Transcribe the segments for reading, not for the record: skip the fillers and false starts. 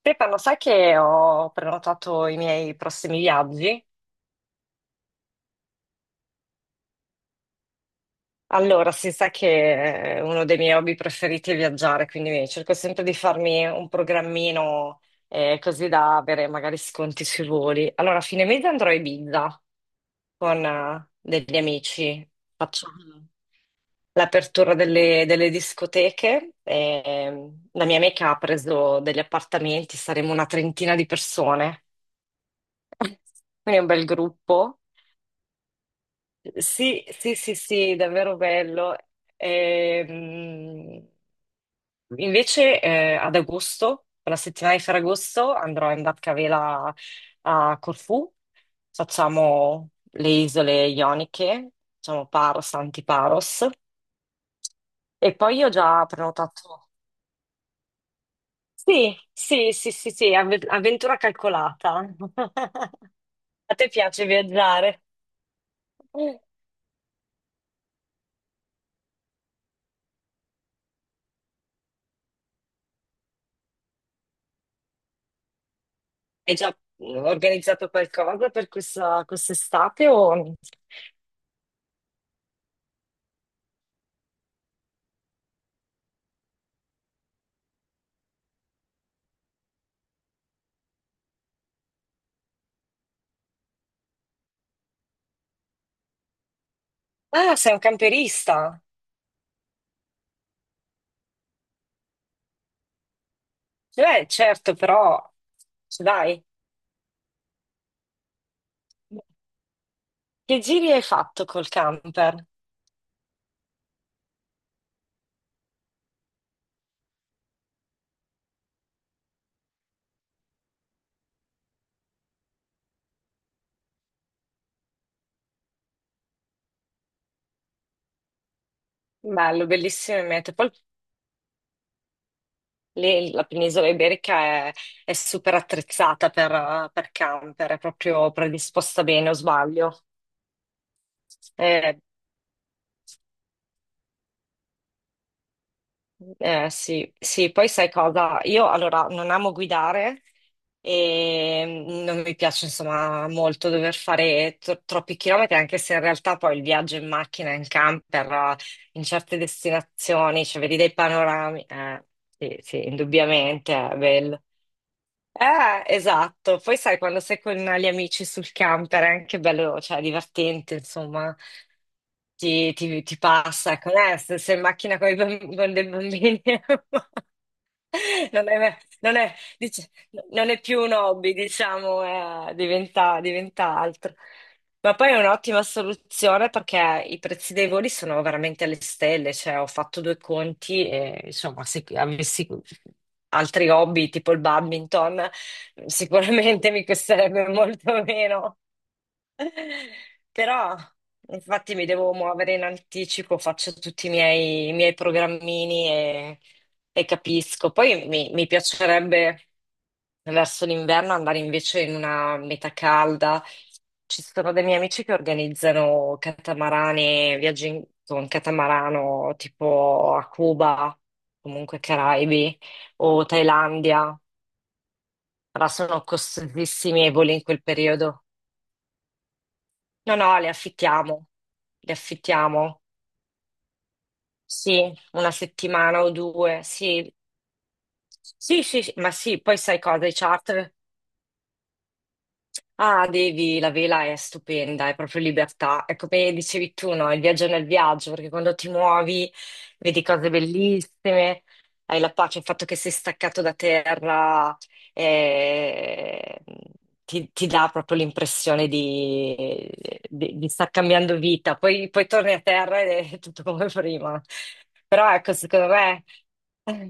Stefano, sai che ho prenotato i miei prossimi viaggi? Allora, si sa che uno dei miei hobby preferiti è viaggiare, quindi cerco sempre di farmi un programmino così da avere magari sconti sui voli. Allora, a fine mese andrò a Ibiza con degli amici. Faccio l'apertura delle discoteche. E la mia amica ha preso degli appartamenti, saremo una trentina di persone. Quindi è un bel gruppo. Sì, sì, sì, sì, davvero bello. Ehm, Invece ad agosto, per la settimana di Ferragosto, andrò in barcavela a Corfù. Facciamo le isole ioniche, facciamo Paros, Antiparos. E poi io ho già prenotato. Sì, sì, sì, sì, sì, avventura calcolata. A te piace viaggiare? Hai già organizzato qualcosa per questa quest'estate o... Ah, sei un camperista? Beh, certo, però ci dai. Che giri hai fatto col camper? Bello, bellissime mete. Poi lì la penisola iberica è, è super attrezzata per camper, è proprio predisposta bene, o sbaglio? Eh, Eh, sì, sì, poi sai cosa? Io allora non amo guidare e non mi piace insomma molto dover fare troppi chilometri, anche se in realtà poi il viaggio in macchina, in camper, in certe destinazioni, cioè vedi dei panorami, sì, sì, indubbiamente è bello. Esatto. Poi sai, quando sei con gli amici sul camper è anche bello, cioè divertente, insomma, ti passa. Ecco, se sei in macchina con i con dei bambini. Non è, non è- dice- No, non è più un hobby, diciamo, diventa altro. Ma poi è un'ottima soluzione perché i prezzi dei voli sono veramente alle stelle, cioè ho fatto due conti e insomma se avessi altri hobby tipo il badminton sicuramente mi costerebbe molto meno. Però, infatti, mi devo muovere in anticipo, faccio tutti i miei programmini e capisco. Poi mi piacerebbe verso l'inverno andare invece in una meta calda. Ci sono dei miei amici che organizzano catamarani, viaggi con catamarano tipo a Cuba, comunque Caraibi o Thailandia, però sono costosissimi e voli in quel periodo. No, no, le affittiamo, le affittiamo, sì, una settimana o due, sì, sì, sì, sì, ma sì, poi sai cosa, i charter. Ah, devi, la vela è stupenda, è proprio libertà. È come dicevi tu, no? Il viaggio nel viaggio, perché quando ti muovi vedi cose bellissime, hai la pace, il fatto che sei staccato da terra eh, ti dà proprio l'impressione di star cambiando vita. Poi torni a terra ed è tutto come prima. Però ecco, secondo me.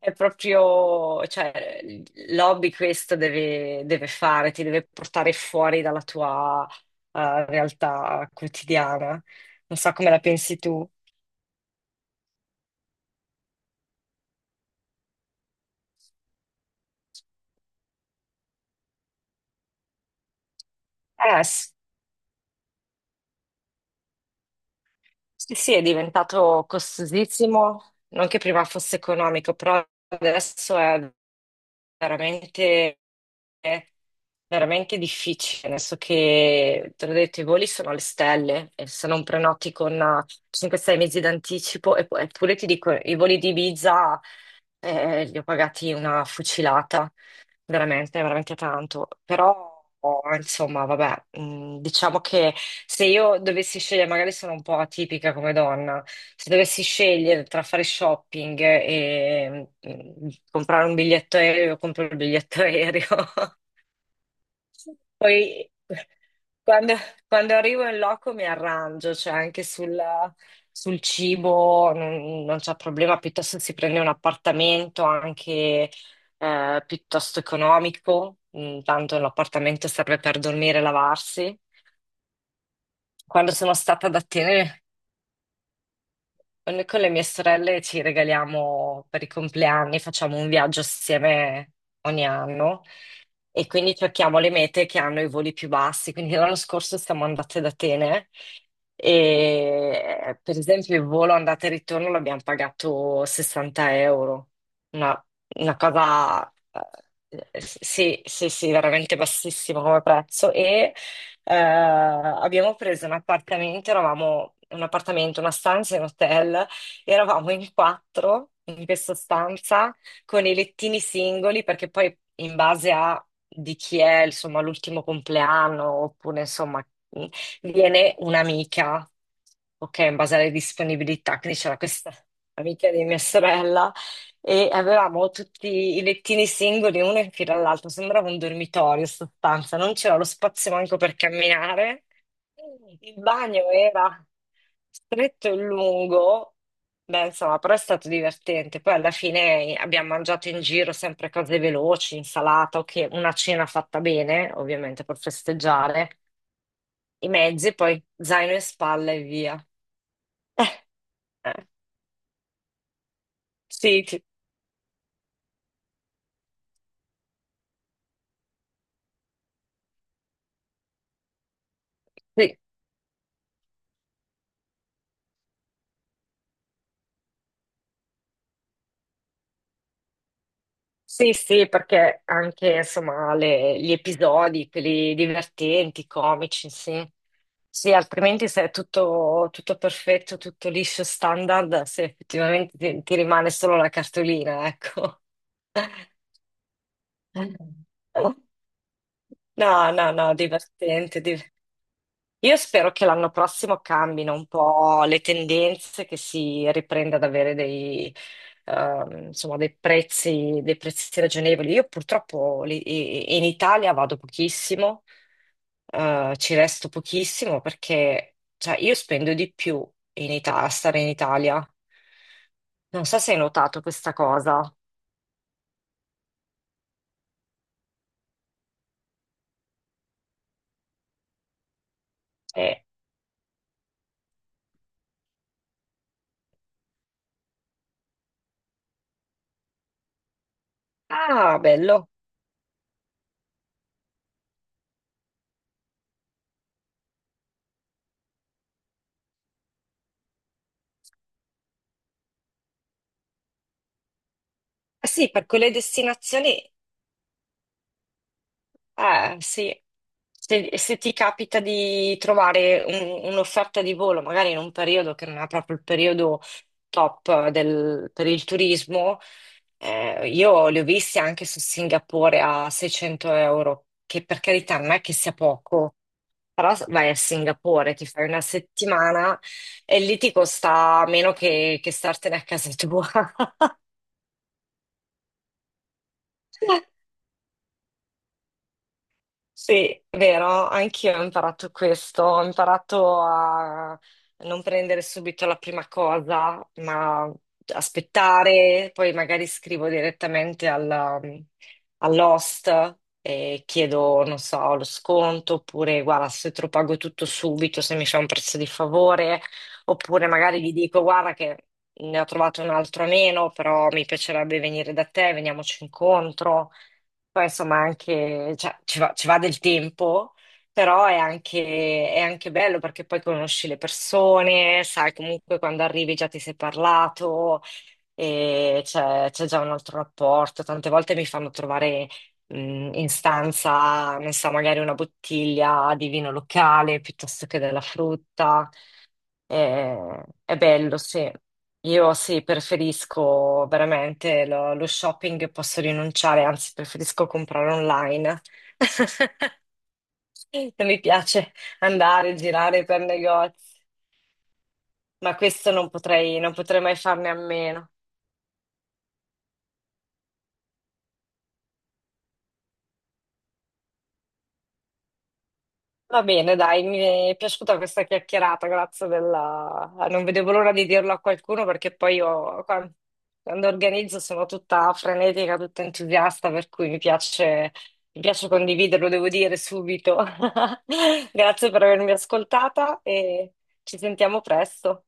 È proprio, cioè, l'hobby questo deve fare, ti deve portare fuori dalla tua, realtà quotidiana. Non so come la pensi tu. Sì. Sì, sì, è diventato costosissimo, non che prima fosse economico, però adesso è veramente, veramente difficile. Adesso che, te l'ho detto, i voli sono alle stelle, e se non prenoti con 5-6 mesi d'anticipo, eppure ti dico, i voli di Ibiza li ho pagati una fucilata veramente, veramente tanto. Però, oh, insomma, vabbè, diciamo che se io dovessi scegliere, magari sono un po' atipica come donna, se dovessi scegliere tra fare shopping e comprare un biglietto aereo, compro il biglietto aereo. Poi quando, quando arrivo in loco mi arrangio, cioè anche sul cibo non c'è problema, piuttosto si prende un appartamento anche piuttosto economico. Mm, tanto l'appartamento serve per dormire e lavarsi. Quando sono stata ad Atene, noi con le mie sorelle ci regaliamo per i compleanni, facciamo un viaggio assieme ogni anno e quindi cerchiamo le mete che hanno i voli più bassi. Quindi l'anno scorso siamo andate ad Atene e per esempio il volo andata e ritorno l'abbiamo pagato 60 euro, una, una cosa sì, sì, sì, veramente bassissima come prezzo e abbiamo preso un appartamento, eravamo una stanza in hotel, eravamo in quattro in questa stanza con i lettini singoli perché poi in base a di chi è, insomma, l'ultimo compleanno oppure insomma viene un'amica, ok, in base alle disponibilità, quindi c'era questa amica di mia sorella e avevamo tutti i lettini singoli, uno in fila all'altro, sembrava un dormitorio in sostanza, non c'era lo spazio manco per camminare. Il bagno era stretto e lungo, beh, insomma, però è stato divertente. Poi alla fine abbiamo mangiato in giro sempre cose veloci, insalata, ok, una cena fatta bene, ovviamente per festeggiare, i mezzi, poi zaino in spalla e via. Eh, sì, sì. Sì, sì, perché anche insomma gli episodi, quelli divertenti, comici, sì. Sì, altrimenti se è tutto, tutto perfetto, tutto liscio, standard, se effettivamente ti rimane solo la cartolina, ecco. No, no, no, divertente, divertente. Io spero che l'anno prossimo cambino un po' le tendenze, che si riprenda ad avere dei, insomma, dei prezzi ragionevoli. Io purtroppo in Italia vado pochissimo, ci resto pochissimo perché cioè, io spendo di più a stare in Italia. Non so se hai notato questa cosa. Eh, Ah, bello. Eh, sì, per quelle destinazioni eh, sì. Se, se ti capita di trovare un'offerta di volo, magari in un periodo che non è proprio il periodo top per il turismo, io li ho visti anche su Singapore a 600 euro, che per carità non è che sia poco, però vai a Singapore, ti fai una settimana e lì ti costa meno che startene a casa tua. Sì, vero, anch'io ho imparato questo, ho imparato a non prendere subito la prima cosa, ma aspettare, poi magari scrivo direttamente all'host e chiedo, non so, lo sconto, oppure guarda, se te lo pago tutto subito, se mi fa un prezzo di favore, oppure magari gli dico, guarda che ne ho trovato un altro a meno, però mi piacerebbe venire da te, veniamoci incontro. Poi insomma anche, cioè, ci va del tempo, però è anche bello perché poi conosci le persone, sai comunque quando arrivi già ti sei parlato e c'è già un altro rapporto. Tante volte mi fanno trovare in stanza, non so, magari una bottiglia di vino locale piuttosto che della frutta. È bello, sì. Io sì, preferisco veramente lo shopping, posso rinunciare, anzi preferisco comprare online. Non mi piace andare, girare per negozi, ma questo non potrei, non potrei mai farne a meno. Va bene, dai, mi è piaciuta questa chiacchierata, grazie della... Non vedevo l'ora di dirlo a qualcuno perché poi io quando organizzo sono tutta frenetica, tutta entusiasta, per cui mi piace condividerlo, devo dire subito. Grazie per avermi ascoltata e ci sentiamo presto.